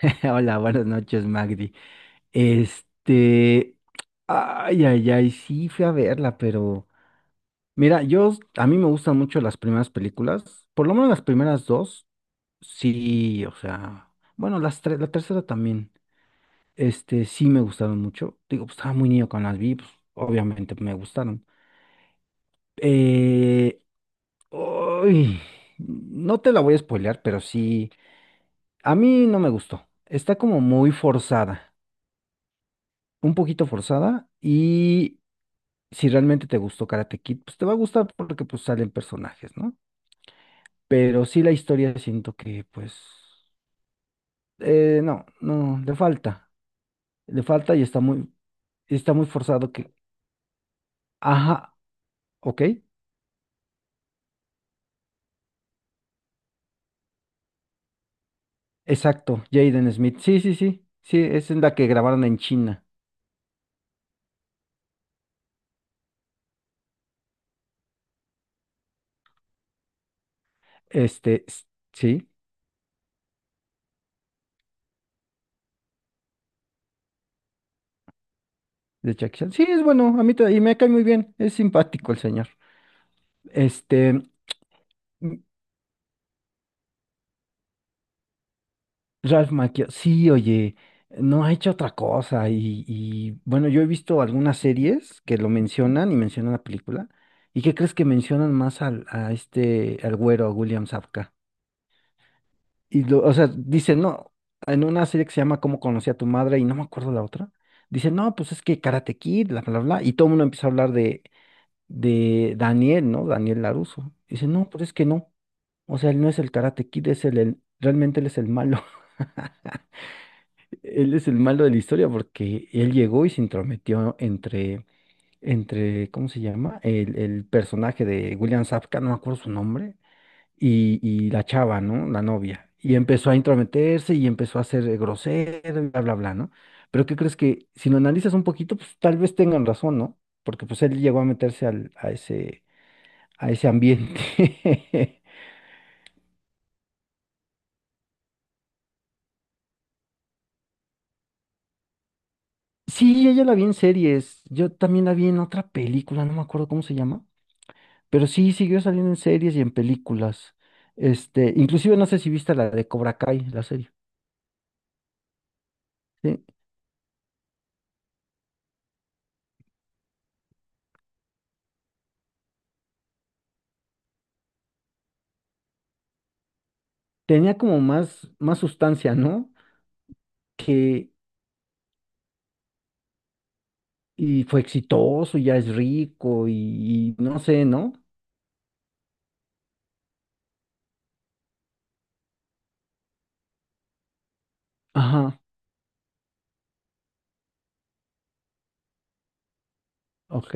Hola, buenas noches, Magdi. Este, Ay, ay, ay, sí fui a verla, pero mira, a mí me gustan mucho las primeras películas, por lo menos las primeras dos, sí, o sea, bueno, las tres, la tercera también, sí me gustaron mucho. Digo, pues estaba muy niño cuando las vi, pues, obviamente me gustaron. Eh, Uy, no te la voy a spoilear, pero sí, a mí no me gustó. Está como muy forzada, un poquito forzada. Y si realmente te gustó Karate Kid, pues te va a gustar porque pues salen personajes, ¿no? Pero sí la historia siento que pues no, no, le falta y está muy forzado que, ajá, ok, exacto, Jaden Smith, sí, sí, sí, sí, es en la que grabaron en China, este, s- sí, de Jackie Chan, sí, es bueno, a mí y me cae muy bien, es simpático el señor, este, Ralph Macchio, sí, oye, no ha hecho otra cosa y, bueno, yo he visto algunas series que lo mencionan y mencionan la película. ¿Y qué crees que mencionan más al güero, a William Zabka? O sea, dicen, no, en una serie que se llama ¿Cómo conocí a tu madre? Y no me acuerdo la otra, dicen, no, pues es que Karate Kid, bla, bla, bla, y todo el mundo empieza a hablar de, Daniel, ¿no? Daniel LaRusso. Dicen, no, pero es que no, o sea, él no es el Karate Kid, realmente él es el malo. Él es el malo de la historia porque él llegó y se intrometió entre, ¿cómo se llama? El personaje de William Zabka, no me acuerdo su nombre, y la chava, ¿no? La novia. Y empezó a intrometerse y empezó a ser grosero y bla, bla, bla, ¿no? Pero, ¿qué crees? Que si lo analizas un poquito, pues tal vez tengan razón, ¿no? Porque pues él llegó a meterse a ese ambiente. Sí, ella la vi en series. Yo también la vi en otra película, no me acuerdo cómo se llama. Pero sí, siguió saliendo en series y en películas. Inclusive no sé si viste la de Cobra Kai, la serie. ¿Sí? Tenía como más, más sustancia, ¿no? Que, y fue exitoso, y ya es rico, y no sé, ¿no? Ajá, ok,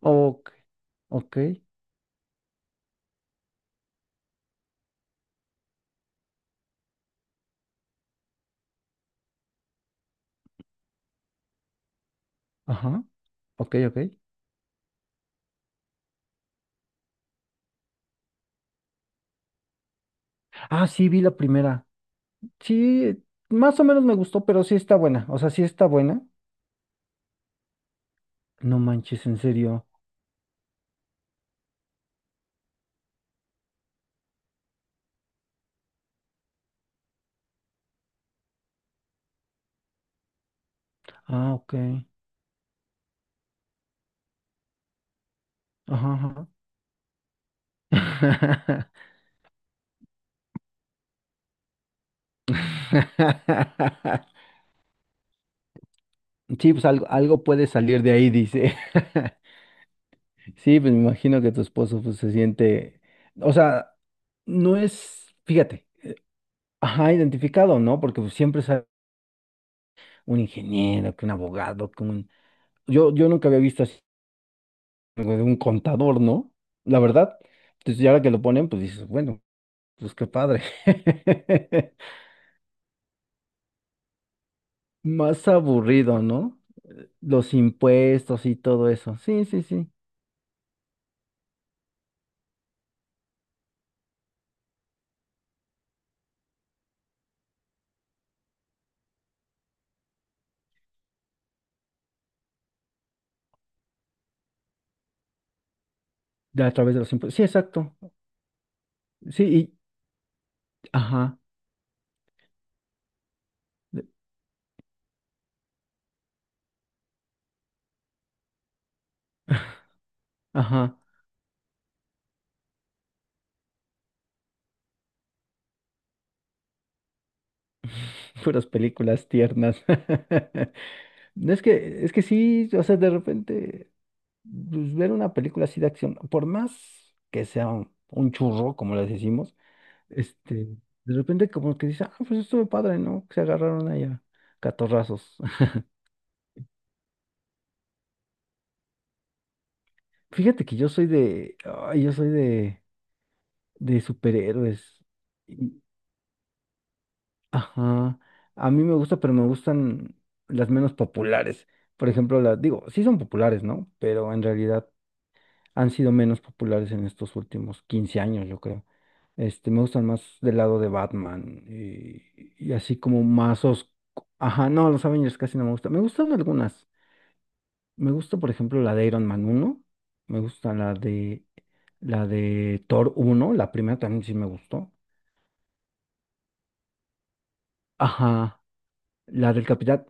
ok, ok, ajá, ok, ok. Ah, sí, vi la primera. Sí, más o menos me gustó, pero sí está buena. O sea, sí está buena. No manches, en serio. Ah, ok. Ajá, ajá. Sí, pues algo, algo puede salir de ahí, dice. Sí, pues me imagino que tu esposo pues, se siente, o sea, no es, fíjate, ajá, identificado, ¿no? Porque pues, siempre es un ingeniero, que un abogado, que un. Yo nunca había visto así algo de un contador, ¿no? La verdad. Entonces, y ahora que lo ponen, pues dices, bueno, pues qué padre. Más aburrido, ¿no? Los impuestos y todo eso. Sí, sí, sí. De a través de los impuestos. Sí, exacto. Sí, ajá. Ajá, puras películas tiernas. No, es que sí, o sea, de repente, pues, ver una película así de acción, por más que sea un churro, como les decimos, este, de repente como que dice, ah, pues estuvo padre, ¿no? Que se agarraron allá, catorrazos. Fíjate que yo soy de superhéroes. Y- Ajá, a mí me gusta, pero me gustan las menos populares. Por ejemplo, digo, sí son populares, ¿no? Pero en realidad han sido menos populares en estos últimos 15 años, yo creo. Me gustan más del lado de Batman y así como más. Ajá, no, los Avengers casi no me gustan. Me gustan algunas. Me gusta, por ejemplo, la de Iron Man uno. Me gusta la de Thor uno, la primera también sí me gustó. Ajá, la del Capitán,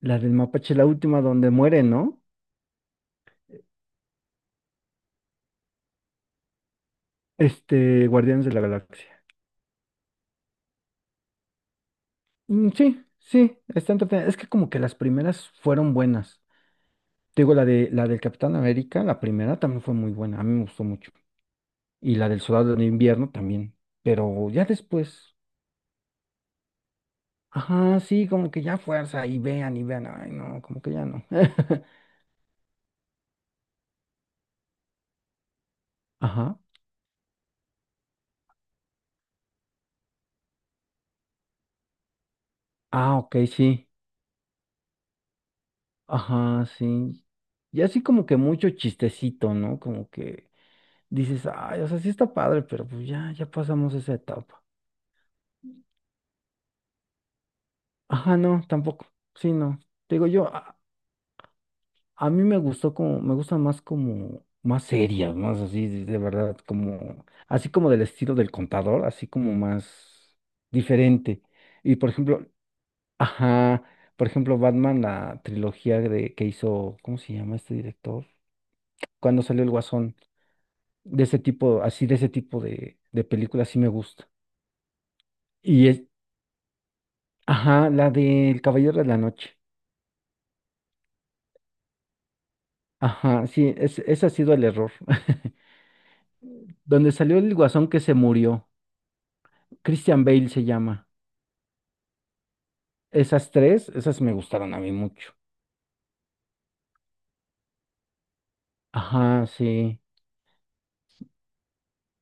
la del Mapache, la última donde muere, ¿no? Guardianes de la Galaxia. Mm, sí, sí, está entretenida. Es que como que las primeras fueron buenas. Te digo, la del Capitán América, la primera también fue muy buena, a mí me gustó mucho. Y la del Soldado de Invierno también. Pero ya después, ajá, sí, como que ya fuerza, y vean, ay, no, como que ya no. Ajá. Ah, ok, sí. Ajá, sí. Y así como que mucho chistecito, ¿no? Como que dices, ay, o sea, sí está padre, pero pues ya pasamos esa etapa. Ajá, no, tampoco. Sí, no. Te digo yo, a mí me gustó como, me gusta más como, más seria, más así, de verdad, como, así como del estilo del contador, así como más diferente. Y por ejemplo, ajá, por ejemplo, Batman, la trilogía de, que hizo, ¿cómo se llama este director? Cuando salió El Guasón, de ese tipo, así de ese tipo de películas, sí me gusta. Y es, ajá, la del Caballero de la Noche. Ajá, sí, ese ha sido el error. Donde salió el Guasón que se murió. Christian Bale se llama. Esas tres, esas me gustaron a mí mucho. Ajá, sí.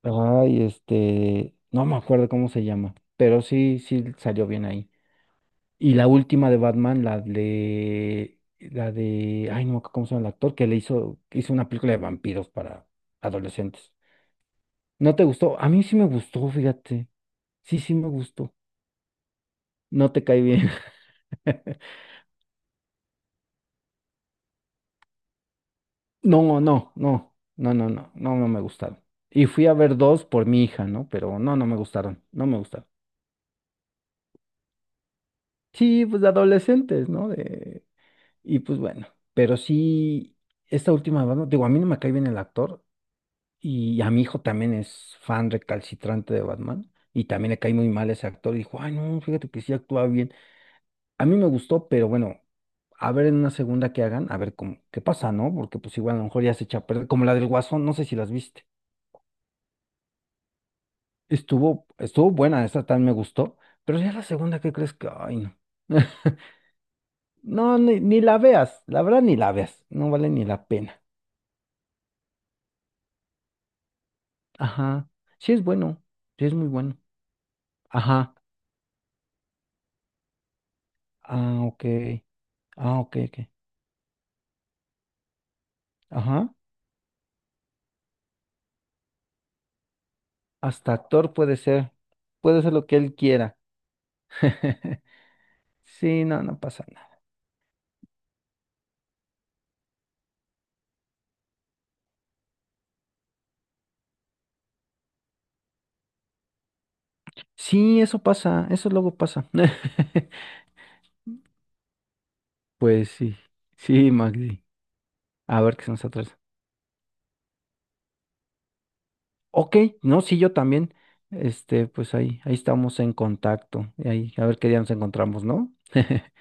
Ay, no me acuerdo cómo se llama, pero sí, sí salió bien ahí. Y la última de Batman, ay, no, me acuerdo ¿cómo se llama el actor? Que hizo una película de vampiros para adolescentes. ¿No te gustó? A mí sí me gustó, fíjate. Sí, sí me gustó. No te cae bien. No, no, no, no, no, no, no, no me gustaron. Y fui a ver dos por mi hija, ¿no? Pero no, no me gustaron, no me gustaron. Sí, pues de adolescentes, ¿no? Y pues bueno, pero sí, esta última de Batman, digo, a mí no me cae bien el actor y a mi hijo también es fan recalcitrante de Batman y también le cae muy mal ese actor y dijo, ay, no, fíjate que sí actúa bien. A mí me gustó, pero bueno, a ver en una segunda que hagan, a ver cómo, qué pasa, ¿no? Porque pues igual a lo mejor ya se echa a perder, como la del Guasón, no sé si las viste. Estuvo buena, esa tan me gustó, pero ya la segunda, ¿qué crees que? Ay, no. No, ni la veas, la verdad ni la veas, no vale ni la pena. Ajá, sí es bueno, sí es muy bueno. Ajá, ah, ok, ah, ok, ok. Ajá, hasta actor puede ser lo que él quiera. Sí, no, no pasa nada. Sí, eso pasa, eso luego pasa. Pues sí, sí, Maxi. A ver qué son nos atrasa. Ok, no, sí, yo también. Pues ahí, ahí estamos en contacto. Y ahí, a ver qué día nos encontramos, ¿no?